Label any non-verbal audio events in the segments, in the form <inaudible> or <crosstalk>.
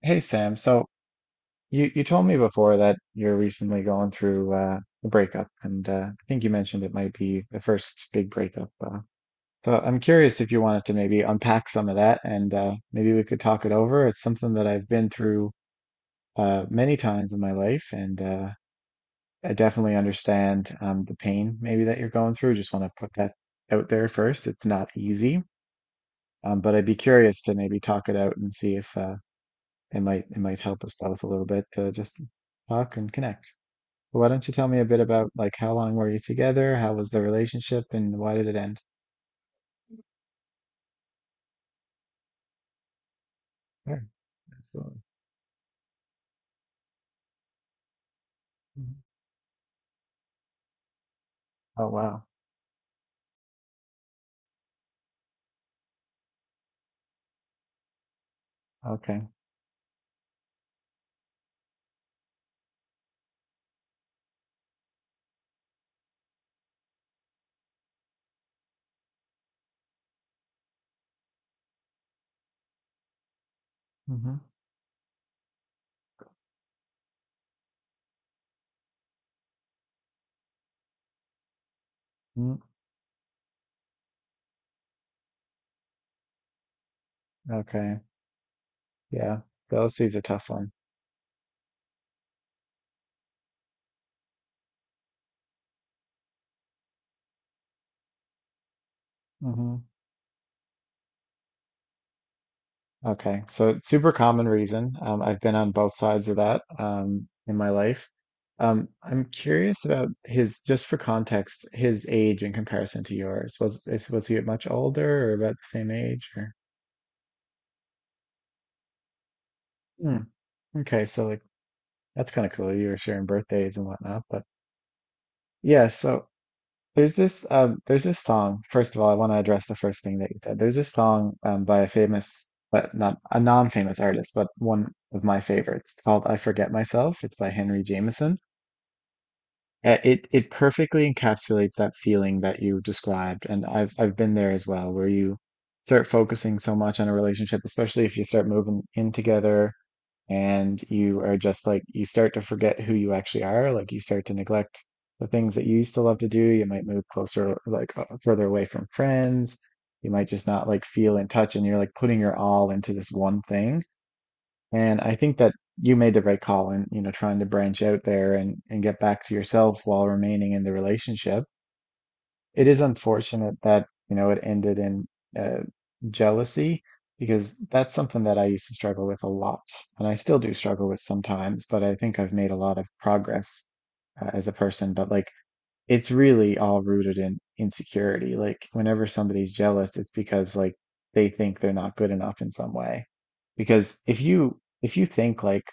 Hey Sam, so you told me before that you're recently going through a breakup, and I think you mentioned it might be the first big breakup. So I'm curious if you wanted to maybe unpack some of that, and maybe we could talk it over. It's something that I've been through many times in my life, and I definitely understand the pain maybe that you're going through. Just want to put that out there first. It's not easy, but I'd be curious to maybe talk it out and see if it might help us out a little bit to just talk and connect. But why don't you tell me a bit about like how long were you together? How was the relationship and why did it end? Sure, absolutely. Mhm. Oh wow. Okay. Mm-hmm. Mm. Okay. Yeah. Jealousy is a tough one. Hmm. Okay. So it's super common reason. I've been on both sides of that in my life. I'm curious about his, just for context, his age in comparison to yours. Was he much older or about the same age? Hmm, okay, so like that's kind of cool. You were sharing birthdays and whatnot, but yeah. So there's this song. First of all, I want to address the first thing that you said. There's this song by a famous but not a non-famous artist, but one of my favorites. It's called "I Forget Myself." It's by Henry Jameson. It perfectly encapsulates that feeling that you described, and I've been there as well, where you start focusing so much on a relationship, especially if you start moving in together. And you are just like you start to forget who you actually are, like you start to neglect the things that you used to love to do. You might move closer like further away from friends. You might just not like feel in touch, and you're like putting your all into this one thing. And I think that you made the right call in, you know, trying to branch out there and get back to yourself while remaining in the relationship. It is unfortunate that, you know, it ended in uh, jealousy, because that's something that I used to struggle with a lot. And I still do struggle with sometimes, but I think I've made a lot of progress as a person. But like, it's really all rooted in insecurity. Like, whenever somebody's jealous, it's because like they think they're not good enough in some way. Because if you think like,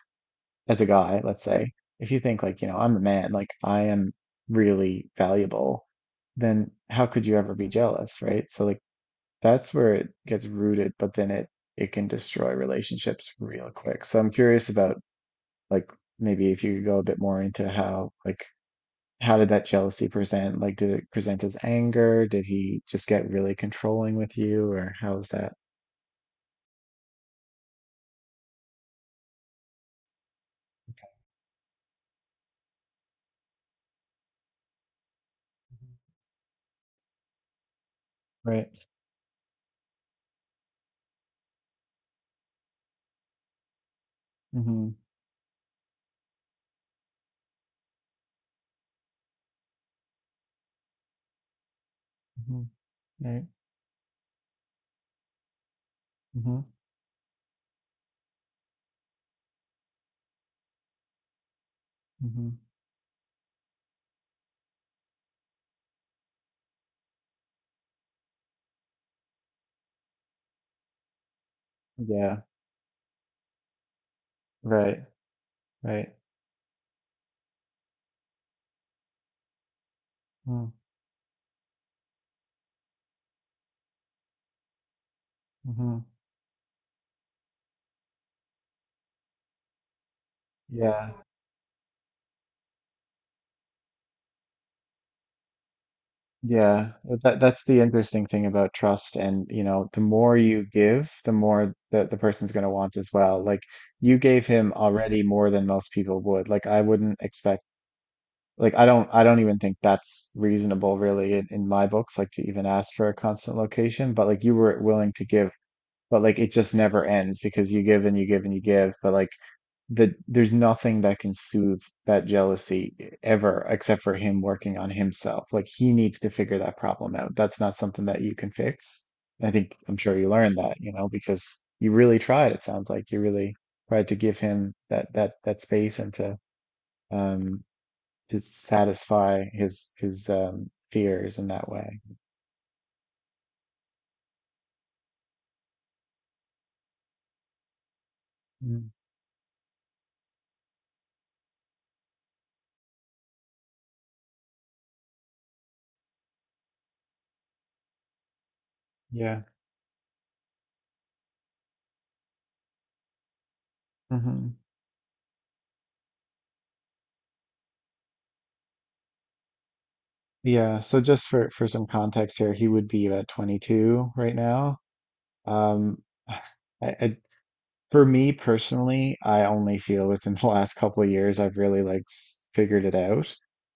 as a guy, let's say, if you think like, you know, I'm the man, like I am really valuable, then how could you ever be jealous, right? So like that's where it gets rooted, but then it can destroy relationships real quick. So I'm curious about like maybe if you could go a bit more into how like how did that jealousy present? Like did it present as anger? Did he just get really controlling with you or how was that? Right. Mm-hmm. Mm-hmm. Right. Mm-hmm. Mm-hmm. Yeah. Right. Right. Mm, mhm. Yeah, yeah. That's the interesting thing about trust, and you know, the more you give, the more that the person's going to want as well. Like you gave him already more than most people would. Like I wouldn't expect. Like I don't. I don't even think that's reasonable, really, in my books. Like to even ask for a constant location, but like you were willing to give, but like it just never ends because you give and you give and you give. But like that there's nothing that can soothe that jealousy ever except for him working on himself. Like he needs to figure that problem out. That's not something that you can fix. I think I'm sure you learned that, you know, because you really tried. It sounds like you really tried to give him that space and to um satisfy his fears in that way. Mm, yeah. Hmm. Yeah, so just for some context here, he would be about 22 right now. Um <sighs> I For me personally, I only feel within <laughs> the last couple of years I've really like figured it out.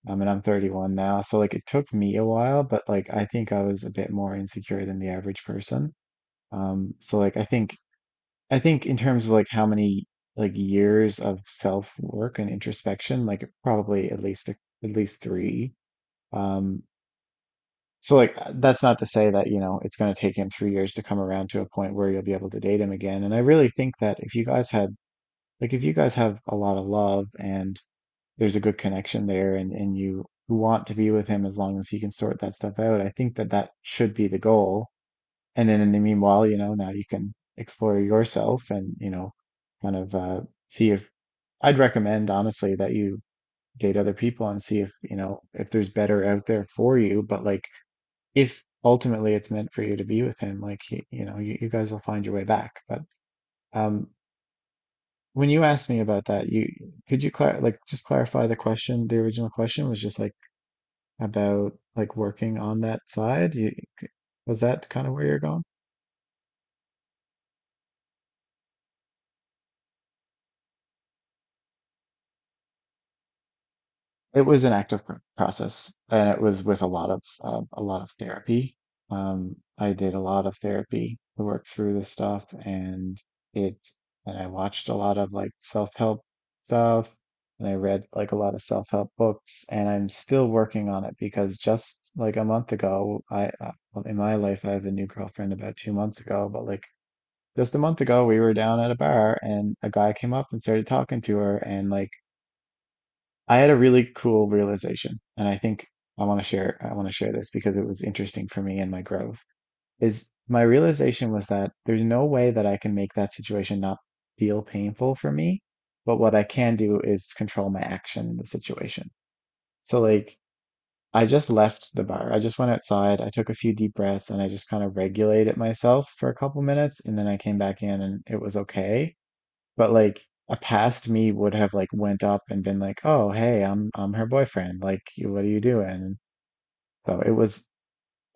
I mean, I'm 31 now, so like it took me a while, but like I think I was a bit more insecure than the average person. So like I think in terms of like how many like years of self-work and introspection, like probably at least at least three. Um, so like that's not to say that, you know, it's going to take him 3 years to come around to a point where you'll be able to date him again. And I really think that if you guys had like if you guys have a lot of love and there's a good connection there and you want to be with him as long as he can sort that stuff out, I think that that should be the goal. And then in the meanwhile, you know, now you can explore yourself, and you know, kind of see if I'd recommend honestly that you date other people and see if, you know, if there's better out there for you. But like if ultimately it's meant for you to be with him, like you guys will find your way back. But um when you asked me about that, you could you clar like just clarify the question? The original question was just like about like working on that side. You Was that kind of where you're going? It was an active process, and it was with a lot of therapy. I did a lot of therapy to work through this stuff, it and I watched a lot of like self-help stuff, and I read like a lot of self-help books, and I'm still working on it because just like a month ago, I well, in my life I have a new girlfriend about 2 months ago, but like just a month ago we were down at a bar and a guy came up and started talking to her, and like I had a really cool realization, and I think I want to share this because it was interesting for me and my growth. Is My realization was that there's no way that I can make that situation not feel painful for me, but what I can do is control my action in the situation. So like I just left the bar. I just went outside, I took a few deep breaths, and I just kind of regulated myself for a couple minutes, and then I came back in and it was okay. But like a past me would have like went up and been like, "Oh, hey, I'm her boyfriend. Like, what are you doing?" So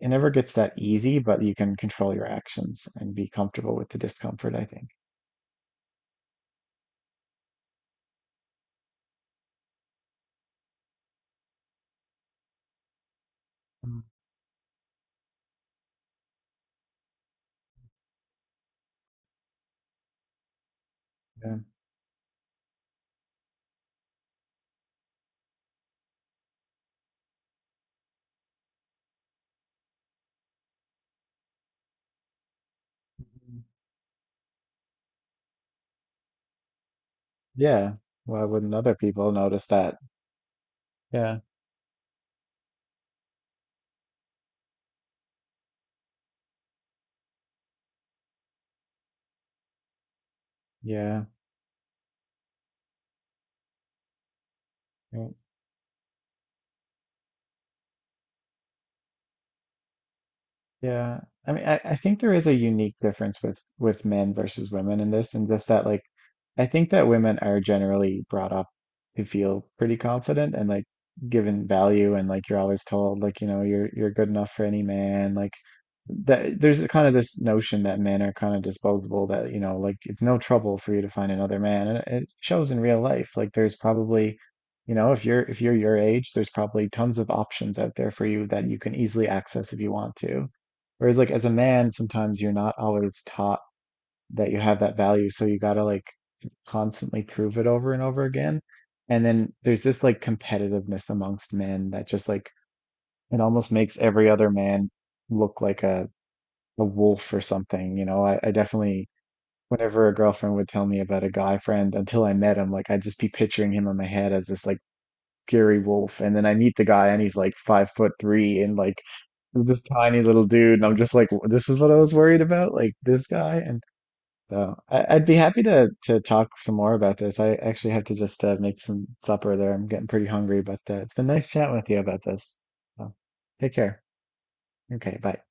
it never gets that easy, but you can control your actions and be comfortable with the discomfort, I think. Mm, yeah. Mhm. Yeah. Why wouldn't other people notice that? Yeah. Yeah. Right. Yeah. I mean, I think there is a unique difference with men versus women in this, and just that like I think that women are generally brought up to feel pretty confident and like given value and like you're always told like, you know, you're good enough for any man. Like that there's a kind of this notion that men are kind of disposable that, you know, like it's no trouble for you to find another man. And it shows in real life. Like there's probably you know, if you're your age, there's probably tons of options out there for you that you can easily access if you want to. Whereas like as a man, sometimes you're not always taught that you have that value, so you gotta like constantly prove it over and over again. And then there's this like competitiveness amongst men that just like it almost makes every other man look like a wolf or something. You know, I definitely whenever a girlfriend would tell me about a guy friend until I met him, like I'd just be picturing him in my head as this like fury wolf. And then I meet the guy and he's like 5'3" and like this tiny little dude, and I'm just like, this is what I was worried about, like this guy. And so I'd be happy to talk some more about this. I actually have to just make some supper there. I'm getting pretty hungry, but it's been nice chatting with you about this. So, take care. Okay, bye.